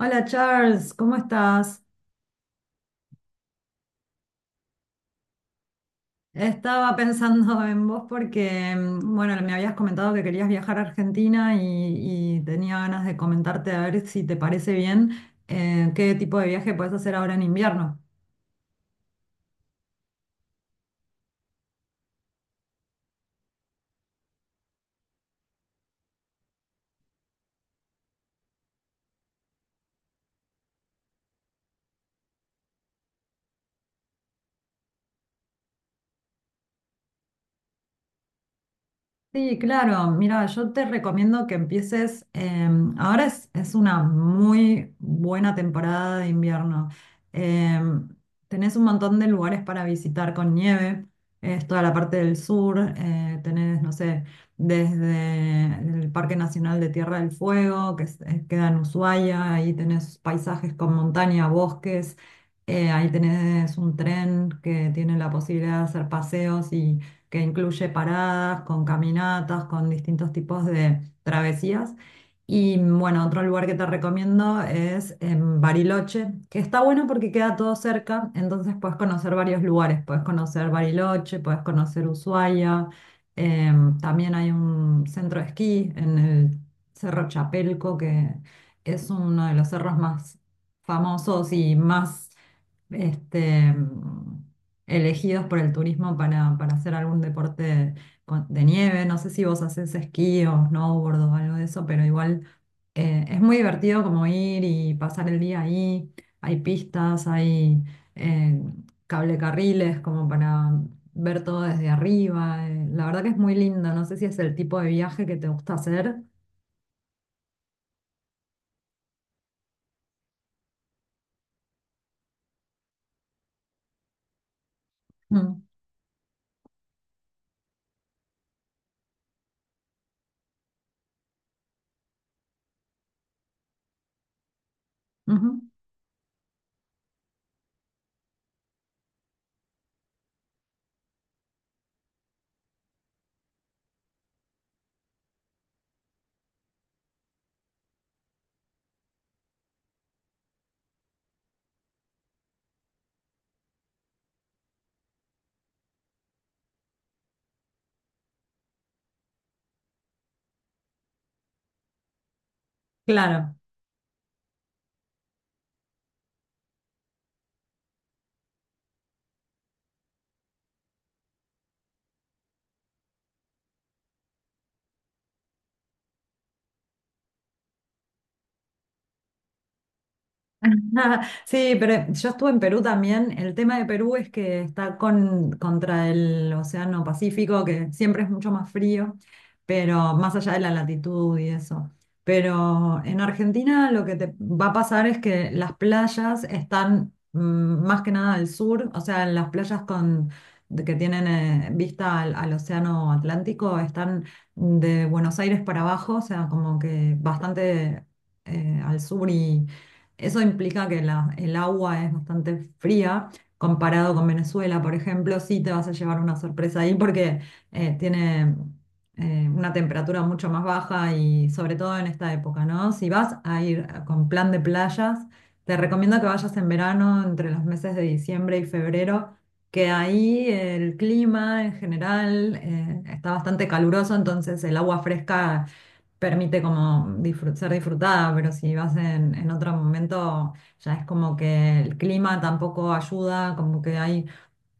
Hola Charles, ¿cómo estás? Estaba pensando en vos porque, bueno, me habías comentado que querías viajar a Argentina y tenía ganas de comentarte a ver si te parece bien qué tipo de viaje puedes hacer ahora en invierno. Sí, claro. Mira, yo te recomiendo que empieces. Ahora es una muy buena temporada de invierno. Em, Tenés un montón de lugares para visitar con nieve. Es toda la parte del sur. Tenés, no sé, desde el Parque Nacional de Tierra del Fuego, que queda en Ushuaia. Ahí tenés paisajes con montaña, bosques. Ahí tenés un tren que tiene la posibilidad de hacer paseos que incluye paradas, con caminatas, con distintos tipos de travesías. Y bueno, otro lugar que te recomiendo es en Bariloche, que está bueno porque queda todo cerca, entonces puedes conocer varios lugares, puedes conocer Bariloche, puedes conocer Ushuaia, también hay un centro de esquí en el Cerro Chapelco, que es uno de los cerros más famosos y más este, mm, elegidos por el turismo para hacer algún deporte de nieve. No sé si vos haces esquí o snowboard o algo de eso, pero igual es muy divertido como ir y pasar el día ahí. Hay pistas, hay eh, cablecarriles como para ver todo desde arriba. La verdad que es muy lindo. No sé si es el tipo de viaje que te gusta hacer. Mm, ujú, claro. Ajá, sí, pero yo estuve en Perú también. El tema de Perú es que está contra el Océano Pacífico, que siempre es mucho más frío, pero más allá de la latitud y eso. Pero en Argentina lo que te va a pasar es que las playas están más que nada al sur, o sea, las playas que tienen vista al Océano Atlántico están de Buenos Aires para abajo, o sea, como que bastante al sur, eso implica que el agua es bastante fría comparado con Venezuela, por ejemplo. Sí te vas a llevar una sorpresa ahí porque tiene una temperatura mucho más baja y sobre todo en esta época, ¿no? Si vas a ir con plan de playas, te recomiendo que vayas en verano entre los meses de diciembre y febrero, que ahí el clima en general está bastante caluroso, entonces el agua fresca permite como ser disfrutada, pero si vas en otro momento, ya es como que el clima tampoco ayuda, como que hay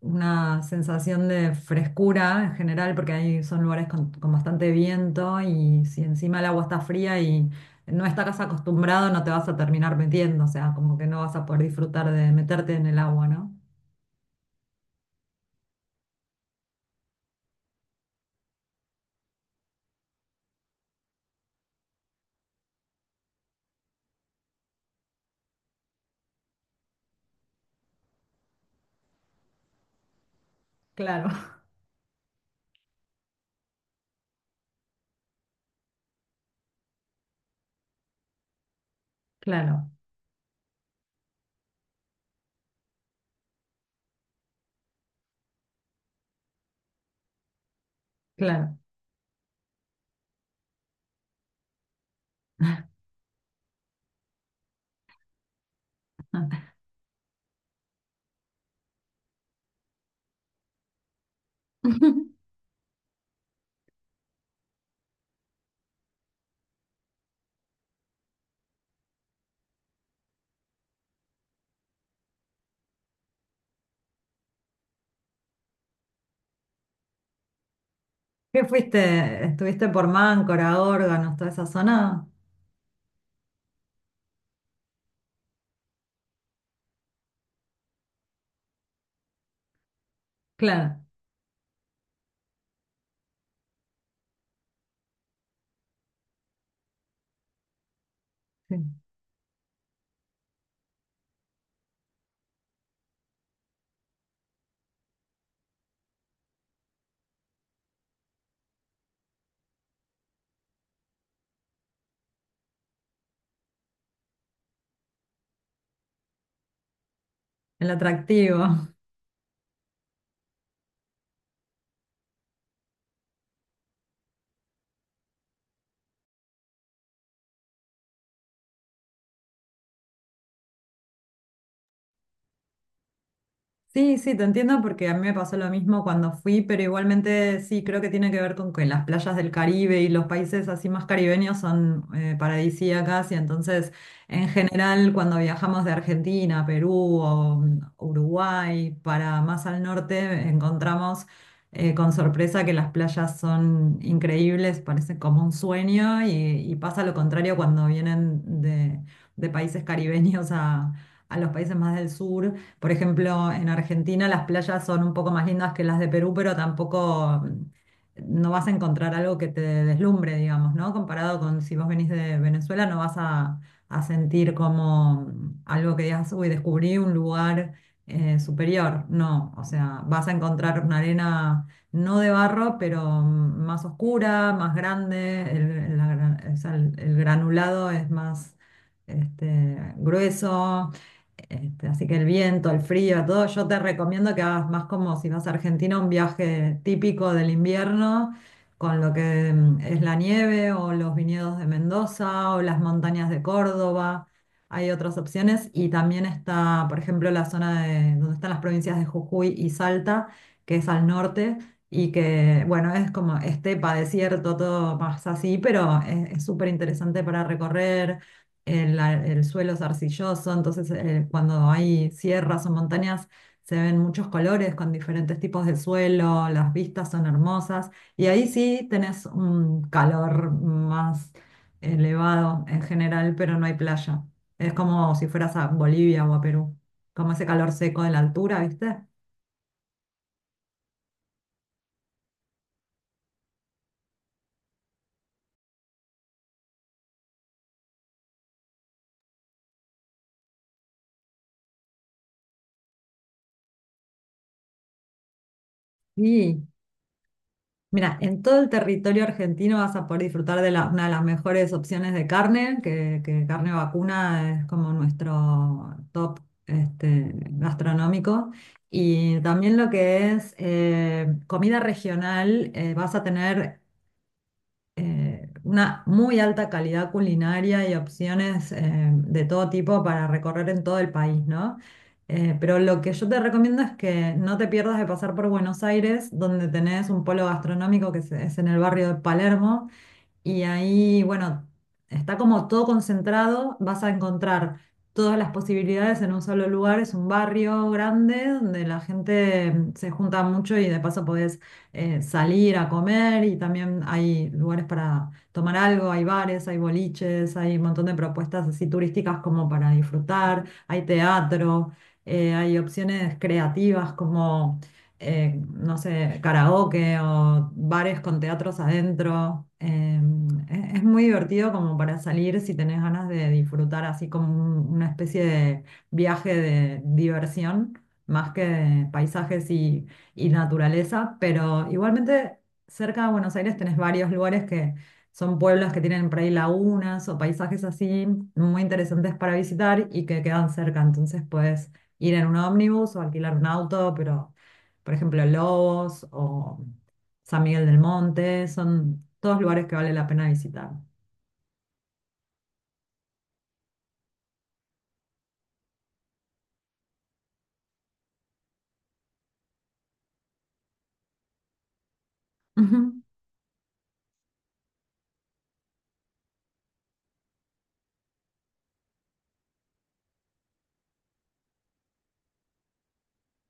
una sensación de frescura en general, porque ahí son lugares con bastante viento y si encima el agua está fría y no estás acostumbrado, no te vas a terminar metiendo, o sea, como que no vas a poder disfrutar de meterte en el agua, ¿no? Claro. Claro, claro. ¿Qué fuiste? ¿Estuviste por Máncora, Órganos, toda esa zona? Claro. Sí, el atractivo. Sí, sí, te entiendo porque a mí me pasó lo mismo cuando fui, pero igualmente sí, creo que tiene que ver con que las playas del Caribe y los países así más caribeños son paradisíacas y entonces en general cuando viajamos de Argentina, Perú o Uruguay para más al norte encontramos con sorpresa que las playas son increíbles, parece como un sueño y pasa lo contrario cuando vienen de países caribeños a los países más del sur, por ejemplo, en Argentina las playas son un poco más lindas que las de Perú, pero tampoco no vas a encontrar algo que te deslumbre, digamos, ¿no? Comparado con si vos venís de Venezuela, no vas a sentir como algo que digas, uy, descubrí un lugar superior. No, o sea, vas a encontrar una arena no de barro, pero más oscura, más grande, o sea, el granulado es más grueso, este, así que el viento, el frío, todo, yo te recomiendo que hagas más como si vas a Argentina, un viaje típico del invierno, con lo que es la nieve o los viñedos de Mendoza o las montañas de Córdoba. Hay otras opciones y también está, por ejemplo, la zona de donde están las provincias de Jujuy y Salta, que es al norte y que, bueno, es como estepa, desierto, todo más así, pero es súper interesante para recorrer el suelo es arcilloso, entonces cuando hay sierras o montañas se ven muchos colores con diferentes tipos de suelo, las vistas son hermosas y ahí sí tenés un calor más elevado en general, pero no hay playa. Es como si fueras a Bolivia o a Perú, como ese calor seco de la altura, ¿viste? Sí, mira, en todo el territorio argentino vas a poder disfrutar de una de las mejores opciones de carne, que carne vacuna es como nuestro top este, gastronómico. Y también lo que es comida regional, vas a tener una muy alta calidad culinaria y opciones de todo tipo para recorrer en todo el país, ¿no? Pero lo que yo te recomiendo es que no te pierdas de pasar por Buenos Aires, donde tenés un polo gastronómico que es en el barrio de Palermo y ahí, bueno, está como todo concentrado, vas a encontrar todas las posibilidades en un solo lugar, es un barrio grande donde la gente se junta mucho y de paso podés salir a comer y también hay lugares para tomar algo, hay bares, hay boliches, hay un montón de propuestas así turísticas como para disfrutar, hay teatro, hay opciones creativas como no sé, karaoke o bares con teatros adentro. Es muy divertido como para salir si tenés ganas de disfrutar así como una especie de viaje de diversión, más que de paisajes y naturaleza, pero igualmente cerca de Buenos Aires tenés varios lugares que... Son pueblos que tienen por ahí lagunas o paisajes así muy interesantes para visitar y que quedan cerca. Entonces puedes ir en un ómnibus o alquilar un auto, pero por ejemplo, Lobos o San Miguel del Monte, son todos lugares que vale la pena visitar. Ujú.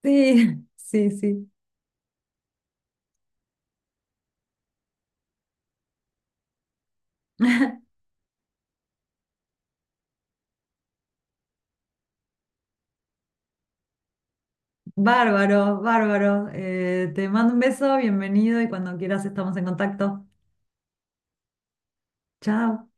Sí, sí, sí. Bárbaro, bárbaro. Te mando un beso, bienvenido y cuando quieras estamos en contacto. Chao.